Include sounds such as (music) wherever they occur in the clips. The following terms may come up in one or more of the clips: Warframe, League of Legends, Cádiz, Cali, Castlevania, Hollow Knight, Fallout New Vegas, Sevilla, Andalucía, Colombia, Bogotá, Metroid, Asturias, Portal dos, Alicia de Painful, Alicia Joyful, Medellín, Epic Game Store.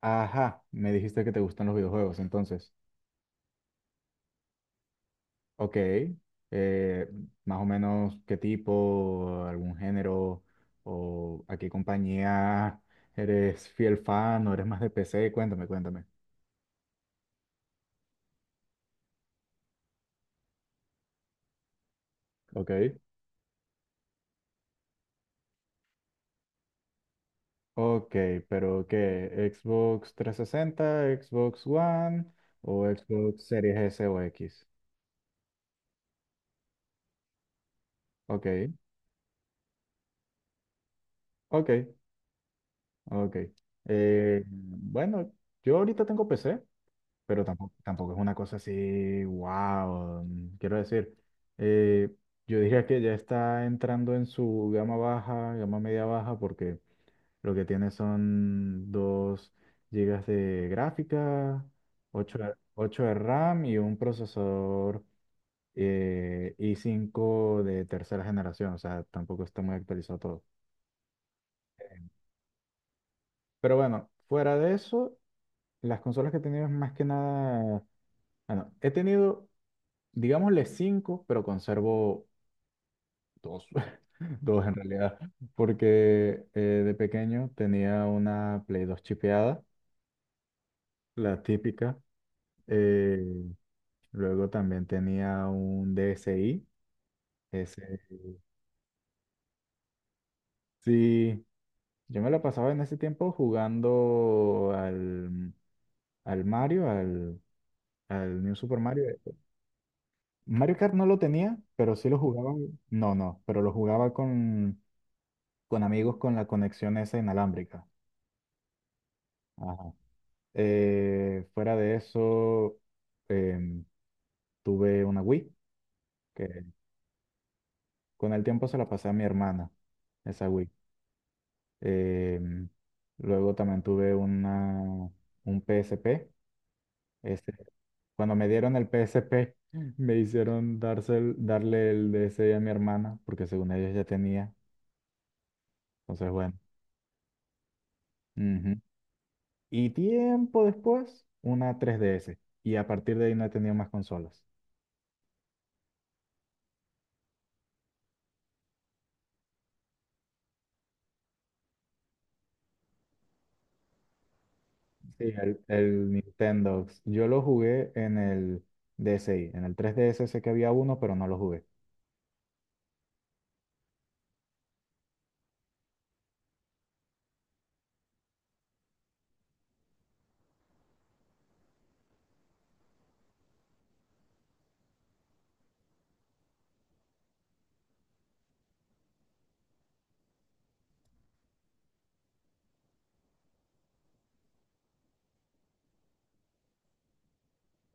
Ajá, me dijiste que te gustan los videojuegos, entonces. Ok, eh, más o menos qué tipo, algún género o a qué compañía eres fiel fan, o eres más de PC. Cuéntame, cuéntame. Ok, ok, pero ¿qué? ¿Xbox trescientos sesenta, Xbox One o Xbox Series S o X? Ok, ok, ok. Eh, bueno, yo ahorita tengo PC, pero tampoco es una cosa así, wow, quiero decir. eh, yo diría que ya está entrando en su gama baja, gama media baja, porque lo que tiene son 2 gigas de gráfica, ocho de 8 de RAM y un procesador i cinco de tercera generación. O sea, tampoco está muy actualizado todo. Pero bueno, fuera de eso, las consolas que he tenido es más que nada... Bueno, he tenido digámosle cinco, pero conservo dos, (laughs) dos en realidad, porque de pequeño tenía una Play 2 chipeada, la típica. eh, Luego también tenía un DSi. Ese. Sí, yo me la pasaba en ese tiempo jugando al Mario, al New Super Mario. Mario Kart no lo tenía, pero sí lo jugaba. No, no, pero lo jugaba con amigos, con la conexión esa inalámbrica. Ajá. Fuera de eso, em, tuve una Wii que con el tiempo se la pasé a mi hermana, esa Wii. Em, Luego también tuve un PSP. Este, cuando me dieron el PSP, (laughs) me hicieron darle el DS a mi hermana, porque según ellos ya tenía. Entonces, bueno. Ujú. Y tiempo después, una 3DS. Y a partir de ahí no he tenido más consolas. Sí, el Nintendo. Yo lo jugué en el DSi. En el 3DS sé que había uno, pero no lo jugué.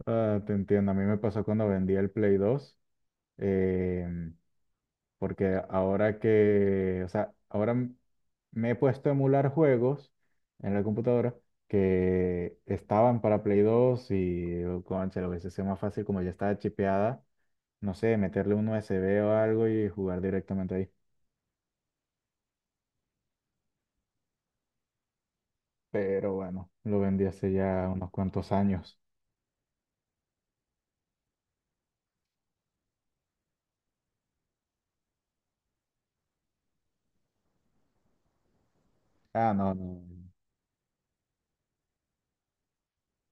Ah, te entiendo. A mí me pasó cuando vendí el Play dos, em, porque ahora que, o sea, me he puesto a emular juegos en la computadora que estaban para Play 2 y, oh, concha, lo hubiese sido más fácil como ya estaba chipeada. No sé, meterle un USB o algo y jugar directamente ahí. Pero bueno, lo vendí hace ya unos cuantos años. Ah, no, no.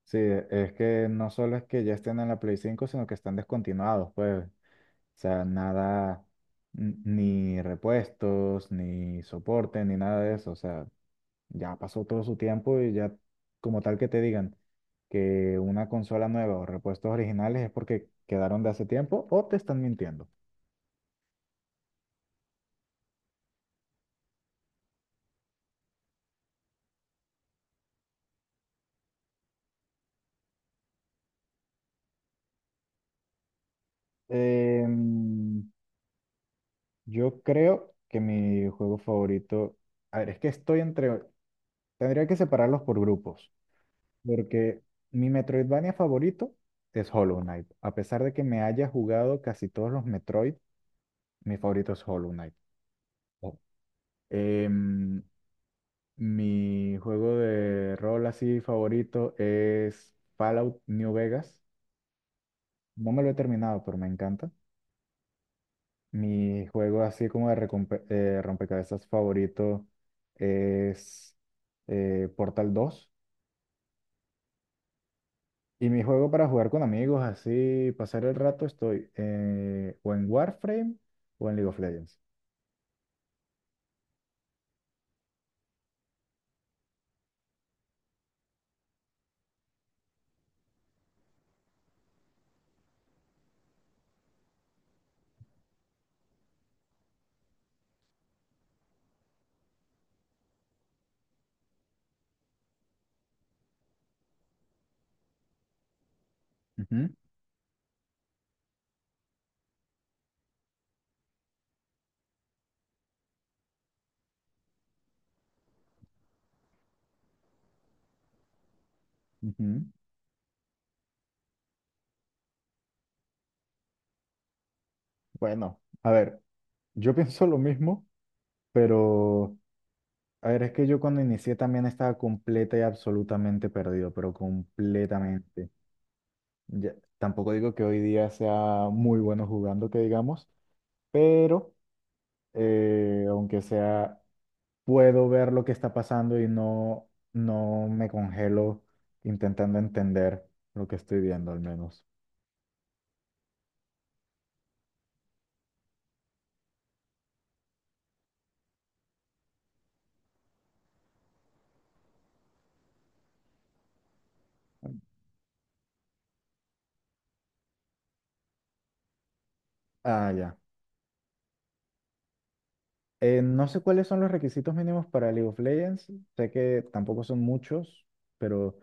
Sí, es que no solo es que ya estén en la Play cinco, sino que están descontinuados, pues. O sea, nada, ni repuestos, ni soporte, ni nada de eso. O sea, ya pasó todo su tiempo y ya, como tal que te digan que una consola nueva o repuestos originales es porque quedaron de hace tiempo o te están mintiendo. Em, yo creo que mi juego favorito, a ver, es que estoy entre, tendría que separarlos por grupos. Porque mi Metroidvania favorito es Hollow Knight. A pesar de que me haya jugado casi todos los Metroid, mi favorito es Hollow Knight. Oh. Em, Mi juego de rol así favorito es Fallout New Vegas. No me lo he terminado, pero me encanta. Mi juego así como rompecabezas favorito es Portal dos. Y mi juego para jugar con amigos, así, pasar el rato, estoy o en Warframe o en League of Legends. Ujú, ujú. Bueno, a ver, yo (laughs) pienso lo mismo, pero a ver, es que yo cuando inicié también estaba completa y absolutamente perdido, pero completamente. Ya, tampoco digo que hoy día sea muy bueno jugando, que digamos, pero aunque sea puedo ver lo que está pasando y no, no me congelo intentando entender lo que estoy viendo al menos. Ah, ya. No sé cuáles son los requisitos mínimos para League of Legends. Sé que tampoco son muchos, pero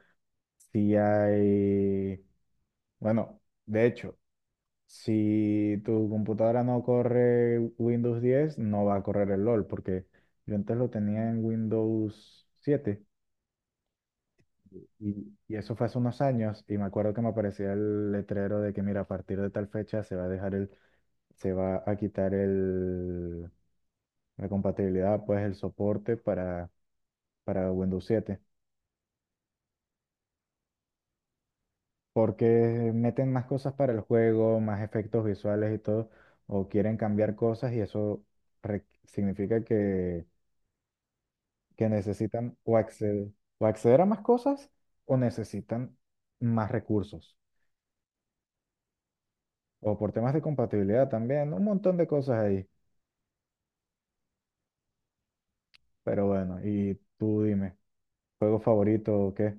sí hay... Bueno, de hecho, si tu computadora no corre Windows 10, no va a correr el LOL, porque yo antes lo tenía en Windows 7. Y eso fue hace unos años y me acuerdo que me aparecía el letrero de que, mira, a partir de tal fecha se va a quitar la compatibilidad, pues el soporte para Windows 7, porque meten más cosas para el juego, más efectos visuales y todo, o quieren cambiar cosas y eso significa que necesitan o acceder a más cosas o necesitan más recursos, o por temas de compatibilidad también, un montón de cosas ahí. Pero bueno, y tú dime, ¿juego favorito o qué?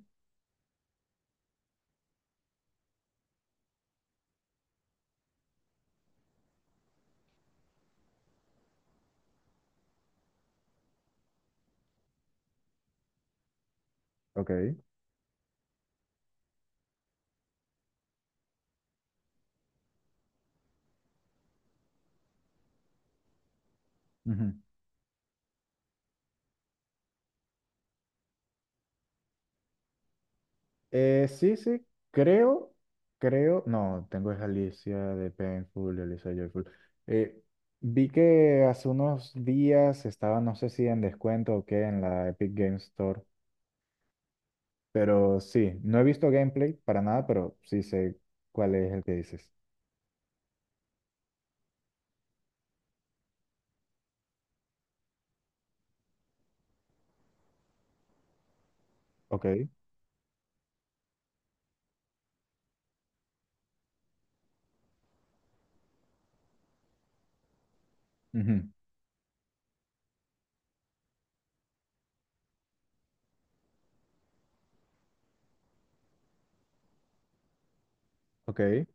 Ok. Ujú. Sí, sí, creo, creo, no, tengo es Alicia de Painful, Alicia Joyful. Eh, Vi que hace unos días estaba, no sé si en descuento o qué, en la Epic Game Store, pero sí, no he visto gameplay para nada, pero sí sé cuál es el que dices. Ok, ujú, ok.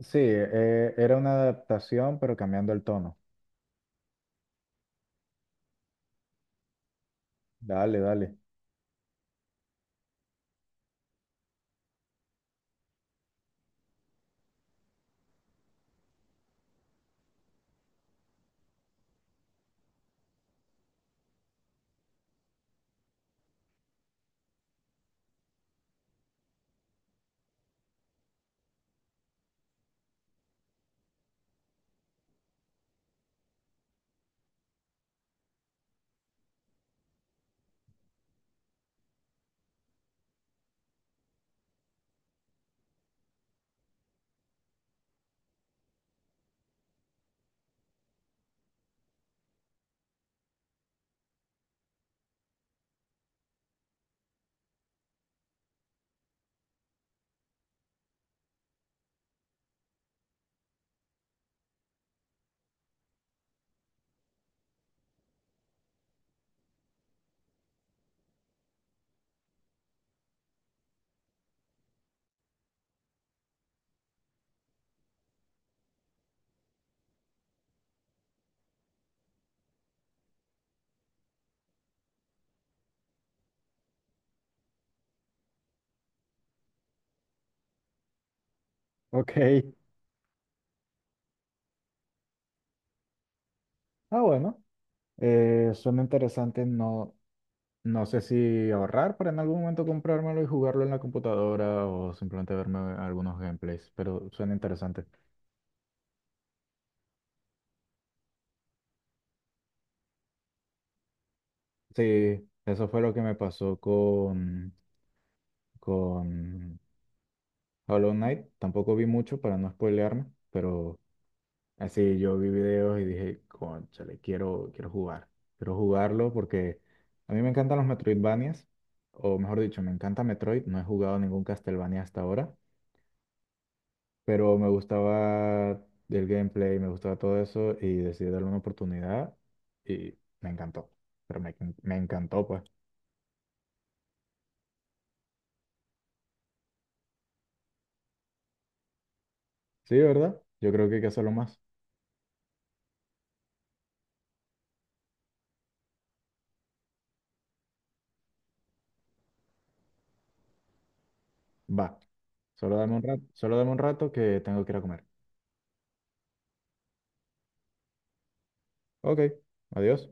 Sí, era una adaptación, pero cambiando el tono. Dale, dale. Ok. Ah, bueno, suena interesante. No, no sé si ahorrar para en algún momento comprármelo y jugarlo en la computadora o simplemente verme algunos gameplays, pero suena interesante. Sí, eso fue lo que me pasó con Hollow Knight. Tampoco vi mucho para no spoilearme, pero así yo vi videos y dije, cónchale, quiero, quiero jugar. Quiero jugarlo porque a mí me encantan los Metroidvanias, o mejor dicho, me encanta Metroid. No he jugado ningún Castlevania hasta ahora. Pero me gustaba el gameplay, me gustaba todo eso y decidí darle una oportunidad y me encantó, pero me encantó pues. Sí, ¿verdad? Yo creo que hay que hacerlo más. Va, solo dame un rato, solo dame un rato que tengo que ir a comer. Ok, adiós.